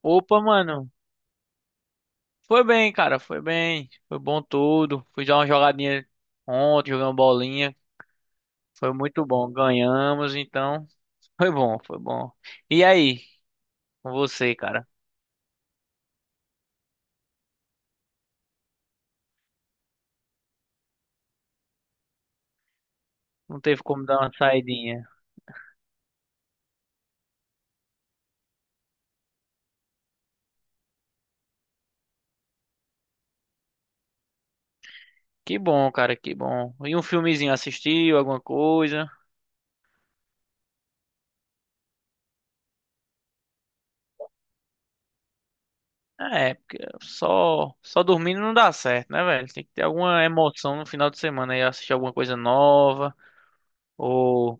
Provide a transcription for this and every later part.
Opa, mano. Foi bem, cara. Foi bem. Foi bom tudo. Fui dar uma jogadinha ontem, jogando bolinha. Foi muito bom. Ganhamos, então. Foi bom, foi bom. E aí, com você, cara? Não teve como dar uma saidinha. Que bom, cara, que bom. E um filmezinho assistiu, alguma coisa? É, porque só dormindo não dá certo, né, velho? Tem que ter alguma emoção no final de semana aí, assistir alguma coisa nova. Ou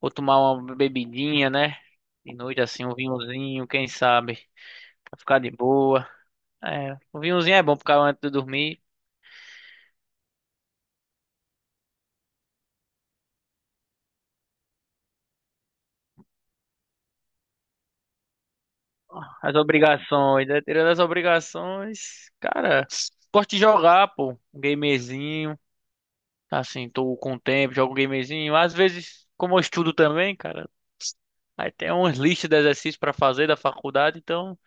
Ou tomar uma bebidinha, né? De noite assim, um vinhozinho, quem sabe? Pra ficar de boa. É, o vinhozinho é bom pra ficar antes de dormir. As obrigações, né? Tirando as obrigações, cara, gosto de jogar, pô. Um gamezinho. Assim, tô com tempo, jogo um gamezinho. Às vezes, como eu estudo também, cara, aí tem umas listas de exercícios pra fazer da faculdade, então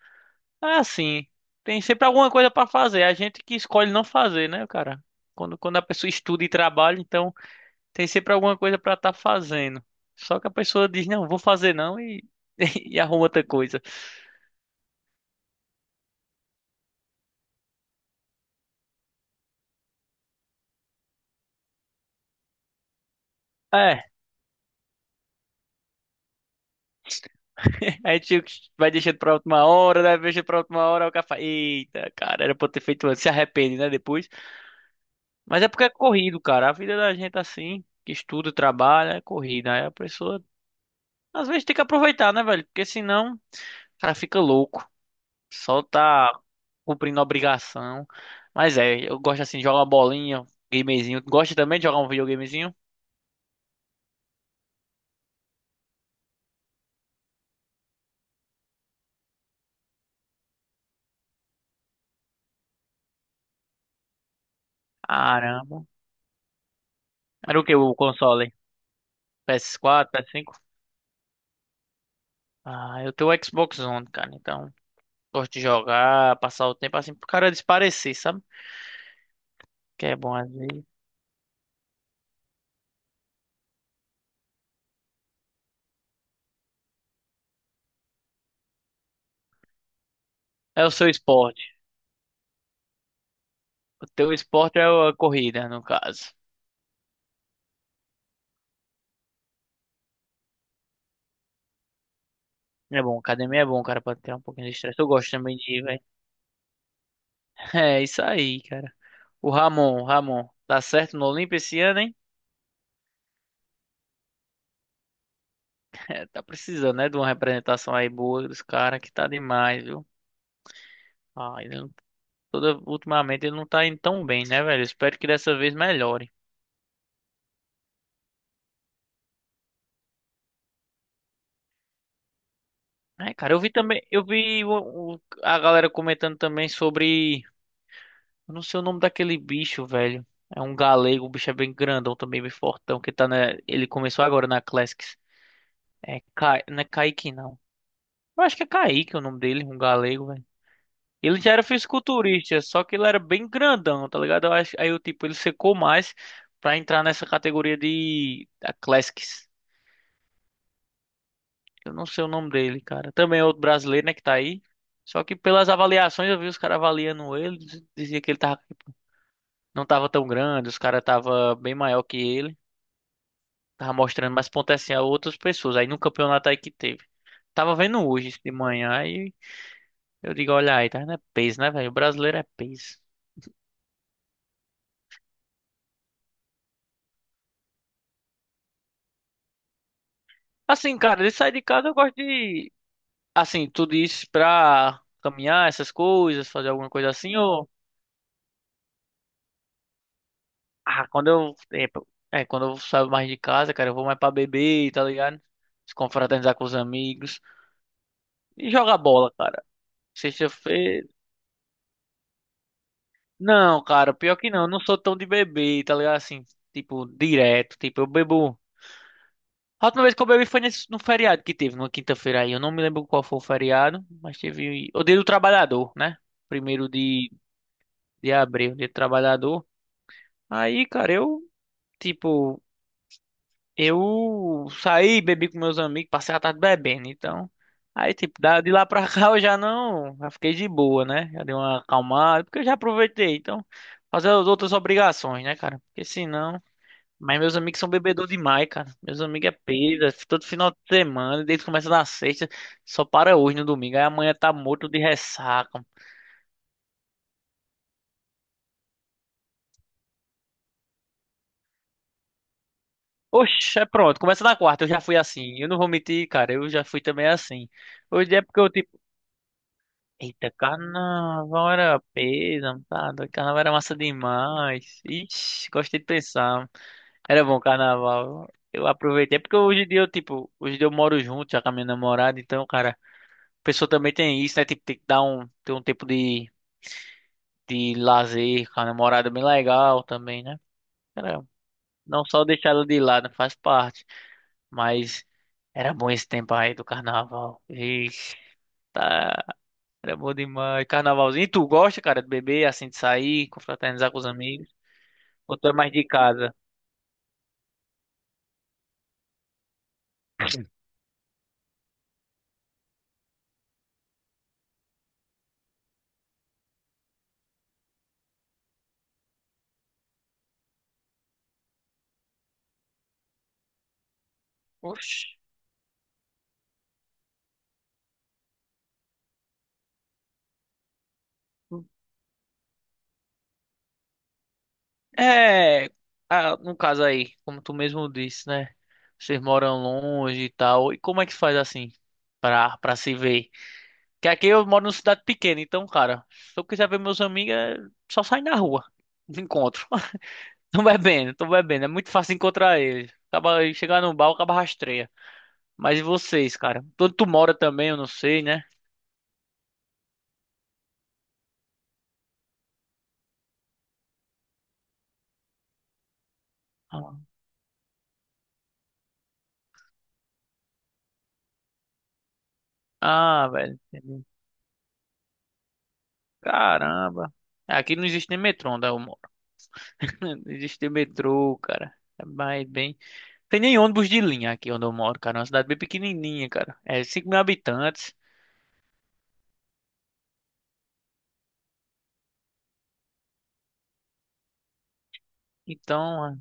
é assim. Tem sempre alguma coisa pra fazer. É a gente que escolhe não fazer, né, cara? Quando a pessoa estuda e trabalha, então. Tem sempre alguma coisa pra estar fazendo. Só que a pessoa diz, não, vou fazer não e, e arruma outra coisa. É, a gente vai deixando pra última hora, né? Deixa pra última hora, o cara fala, eita, cara, era pra eu ter feito antes. Se arrepende, né, depois. Mas é porque é corrido, cara. A vida da gente é assim, que estuda, trabalha, é corrida. Aí a pessoa, às vezes, tem que aproveitar, né, velho? Porque senão, o cara fica louco. Só tá cumprindo obrigação. Mas é, eu gosto assim de jogar uma bolinha, gamezinho. Gosta também de jogar um videogamezinho? Caramba. Era o que o console? PS4, PS5? Ah, eu tenho o Xbox One, cara. Então, gosto de jogar, passar o tempo assim pro cara desaparecer, sabe? Que é bom às vezes. É o seu esporte. O teu esporte é a corrida, no caso. É bom, academia é bom, cara, pra ter um pouquinho de estresse. Eu gosto também de ir, velho. É isso aí, cara. O Ramon tá certo no Olimpo esse ano, hein? É, tá precisando, né, de uma representação aí boa dos caras, que tá demais, viu? Ah, toda, ultimamente ele não tá indo tão bem, né, velho? Espero que dessa vez melhore. É, cara, eu vi também, eu vi a galera comentando também sobre, eu não sei o nome daquele bicho, velho. É um galego, o bicho é bem grandão também, bem fortão, que tá na, ele começou agora na Classics. É, não é Kaique, não. Eu acho que é Kaique o nome dele, um galego, velho. Ele já era fisiculturista, só que ele era bem grandão, tá ligado? Eu acho, aí o tipo, ele secou mais pra entrar nessa categoria de da Classics. Eu não sei o nome dele, cara. Também é outro brasileiro, né, que tá aí. Só que pelas avaliações eu vi os caras avaliando ele, dizia que ele tava, não tava tão grande, os caras tava bem maior que ele, tava mostrando mais potencial a outras pessoas. Aí no campeonato aí que teve. Tava vendo hoje de manhã aí, eu digo, olha aí, tá vendo? É peso, né, velho? O brasileiro é peso. Assim, cara, de sair de casa, eu gosto de assim, tudo isso pra caminhar essas coisas, fazer alguma coisa assim. Ah, quando eu, é, pô, é, quando eu saio mais de casa, cara, eu vou mais pra beber, tá ligado? Se confraternizar com os amigos e jogar bola, cara. Sexta-feira. Não, cara, pior que não, eu não sou tão de beber, tá ligado? Assim, tipo, direto, tipo, eu bebo. A última vez que eu bebi foi nesse, no feriado que teve, numa quinta-feira aí. Eu não me lembro qual foi o feriado, mas teve o Dia do Trabalhador, né? Primeiro de abril, Dia do Trabalhador. Aí, cara, eu, tipo. Eu saí, bebi com meus amigos, passei a tarde bebendo, então. Aí, tipo, de lá pra cá eu já não. Já fiquei de boa, né? Já dei uma acalmada, porque eu já aproveitei. Então, fazer as outras obrigações, né, cara? Porque senão. Mas meus amigos são bebedor demais, cara. Meus amigos é peida, todo final de semana, desde que começa na sexta, só para hoje no domingo. Aí amanhã tá morto de ressaca. Oxe, é pronto, começa na quarta, eu já fui assim. Eu não vou mentir, cara, eu já fui também assim. Hoje é porque eu eita, carnaval era peso, tá? Doido, carnaval era massa demais. Ixi, gostei de pensar. Era bom carnaval. Eu aproveitei, é porque hoje em dia eu, tipo, hoje em dia eu moro junto já com a minha namorada, então, cara, a pessoa também tem isso, né? Tipo, tem que ter um tempo de lazer com a namorada bem legal também, né? Cara, não só deixar ela de lado, faz parte. Mas era bom esse tempo aí do carnaval. Ixi, tá. Era bom demais. Carnavalzinho. E tu gosta, cara, de beber, assim, de sair, confraternizar com os amigos? Ou tu é mais de casa? Oxi. É, ah, no caso aí, como tu mesmo disse, né? Vocês moram longe e tal. E como é que faz assim pra se ver? Que aqui eu moro numa cidade pequena, então, cara, se eu quiser ver meus amigos, é só sair na rua. Não encontro. Tô bebendo, tô bebendo. É muito fácil encontrar eles. Acaba chegar no bar, acaba rastreia. Mas e vocês, cara? Todo tu mora também, eu não sei, né? Ah, ah, velho, entendi. Caramba. Aqui não existe nem metrô onde eu moro. Não existe metrô, cara. É mais bem. Tem nem ônibus de linha aqui onde eu moro, cara. É uma cidade bem pequenininha, cara. É 5 mil habitantes. Então, é,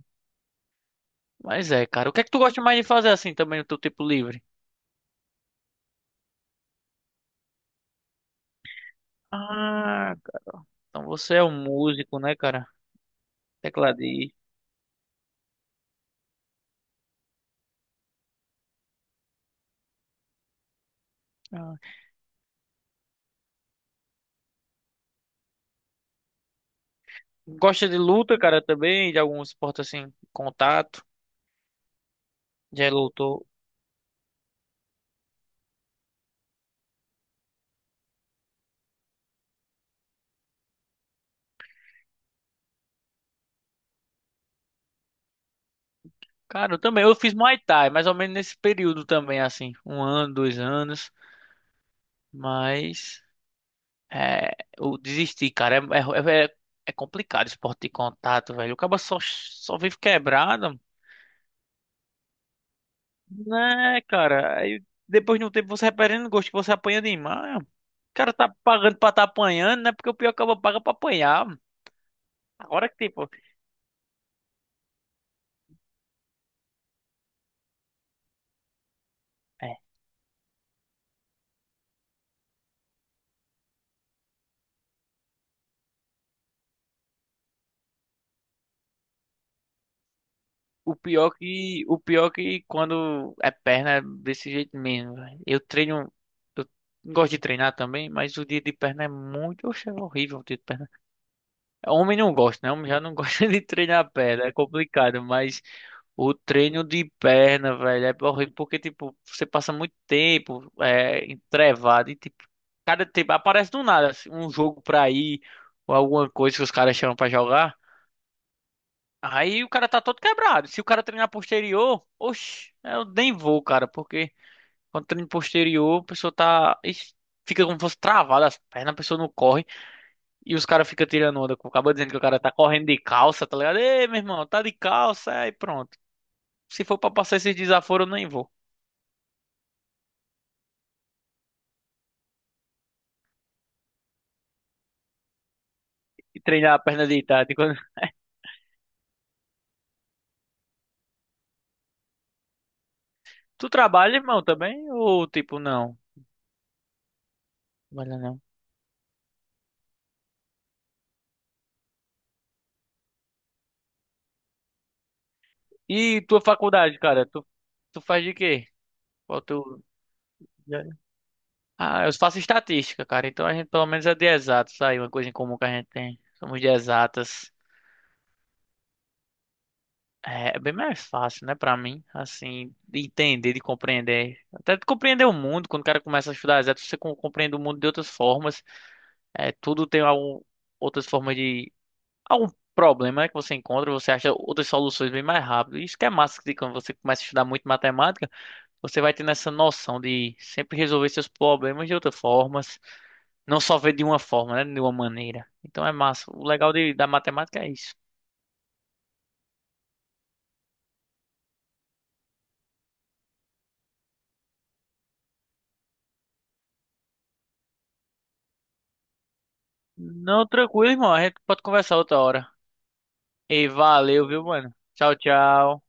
mas é, cara. O que é que tu gosta mais de fazer assim também no teu tempo livre? Ah, cara. Então você é um músico, né, cara? Tecladista. Ah. Gosta de luta, cara, também? De algum esporte assim, contato? Já é lutou? Cara, eu também. Eu fiz Muay Thai, mais ou menos nesse período também, assim. Um ano, 2 anos. Mas. É, eu desisti, cara. É complicado esporte de contato, velho. O cara só vive quebrado. Né, cara? Aí depois de um tempo você vai perdendo gosto, que você apanha demais. O cara tá pagando pra tá apanhando, né? Porque o pior acaba paga pra apanhar. Agora que, tipo. O pior que quando é perna é desse jeito mesmo, velho. Eu treino, eu gosto de treinar também, mas o dia de perna é muito, oxe, é horrível o dia de perna. Homem não gosta, né? Homem já não gosta de treinar perna, é complicado, mas o treino de perna, velho, é horrível porque, tipo, você passa muito tempo é, entrevado e, tipo, cada tempo aparece do nada assim, um jogo pra ir ou alguma coisa que os caras chamam pra jogar. Aí o cara tá todo quebrado. Se o cara treinar posterior, oxe, eu nem vou, cara, porque quando treina posterior, a pessoa tá. Ixi, fica como se fosse travada as pernas, a pessoa não corre. E os caras ficam tirando onda. Acaba dizendo que o cara tá correndo de calça, tá ligado? Ei, meu irmão, tá de calça, aí pronto. Se for pra passar esses desaforos, eu nem vou. E treinar a perna deitada. E quando- Tu trabalha, irmão, também? Ou tipo, não? Trabalha não. E tua faculdade, cara? tu, faz de quê? Qual teu. Né? Ah, eu faço estatística, cara. Então a gente pelo menos é de exatos aí, uma coisa em comum que a gente tem. Somos de exatas. É é bem mais fácil, né, pra mim, assim, de entender, de compreender. Até de compreender o mundo, quando o cara começa a estudar exatos, você compreende o mundo de outras formas. É, tudo tem algum, outras formas de algum problema, né, que você encontra, você acha outras soluções bem mais rápido. Isso que é massa de quando você começa a estudar muito matemática. Você vai tendo essa noção de sempre resolver seus problemas de outras formas, não só ver de uma forma, né? De uma maneira. Então é massa. O legal de, da matemática é isso. Não, tranquilo, irmão. A gente pode conversar outra hora. E valeu, viu, mano? Tchau, tchau.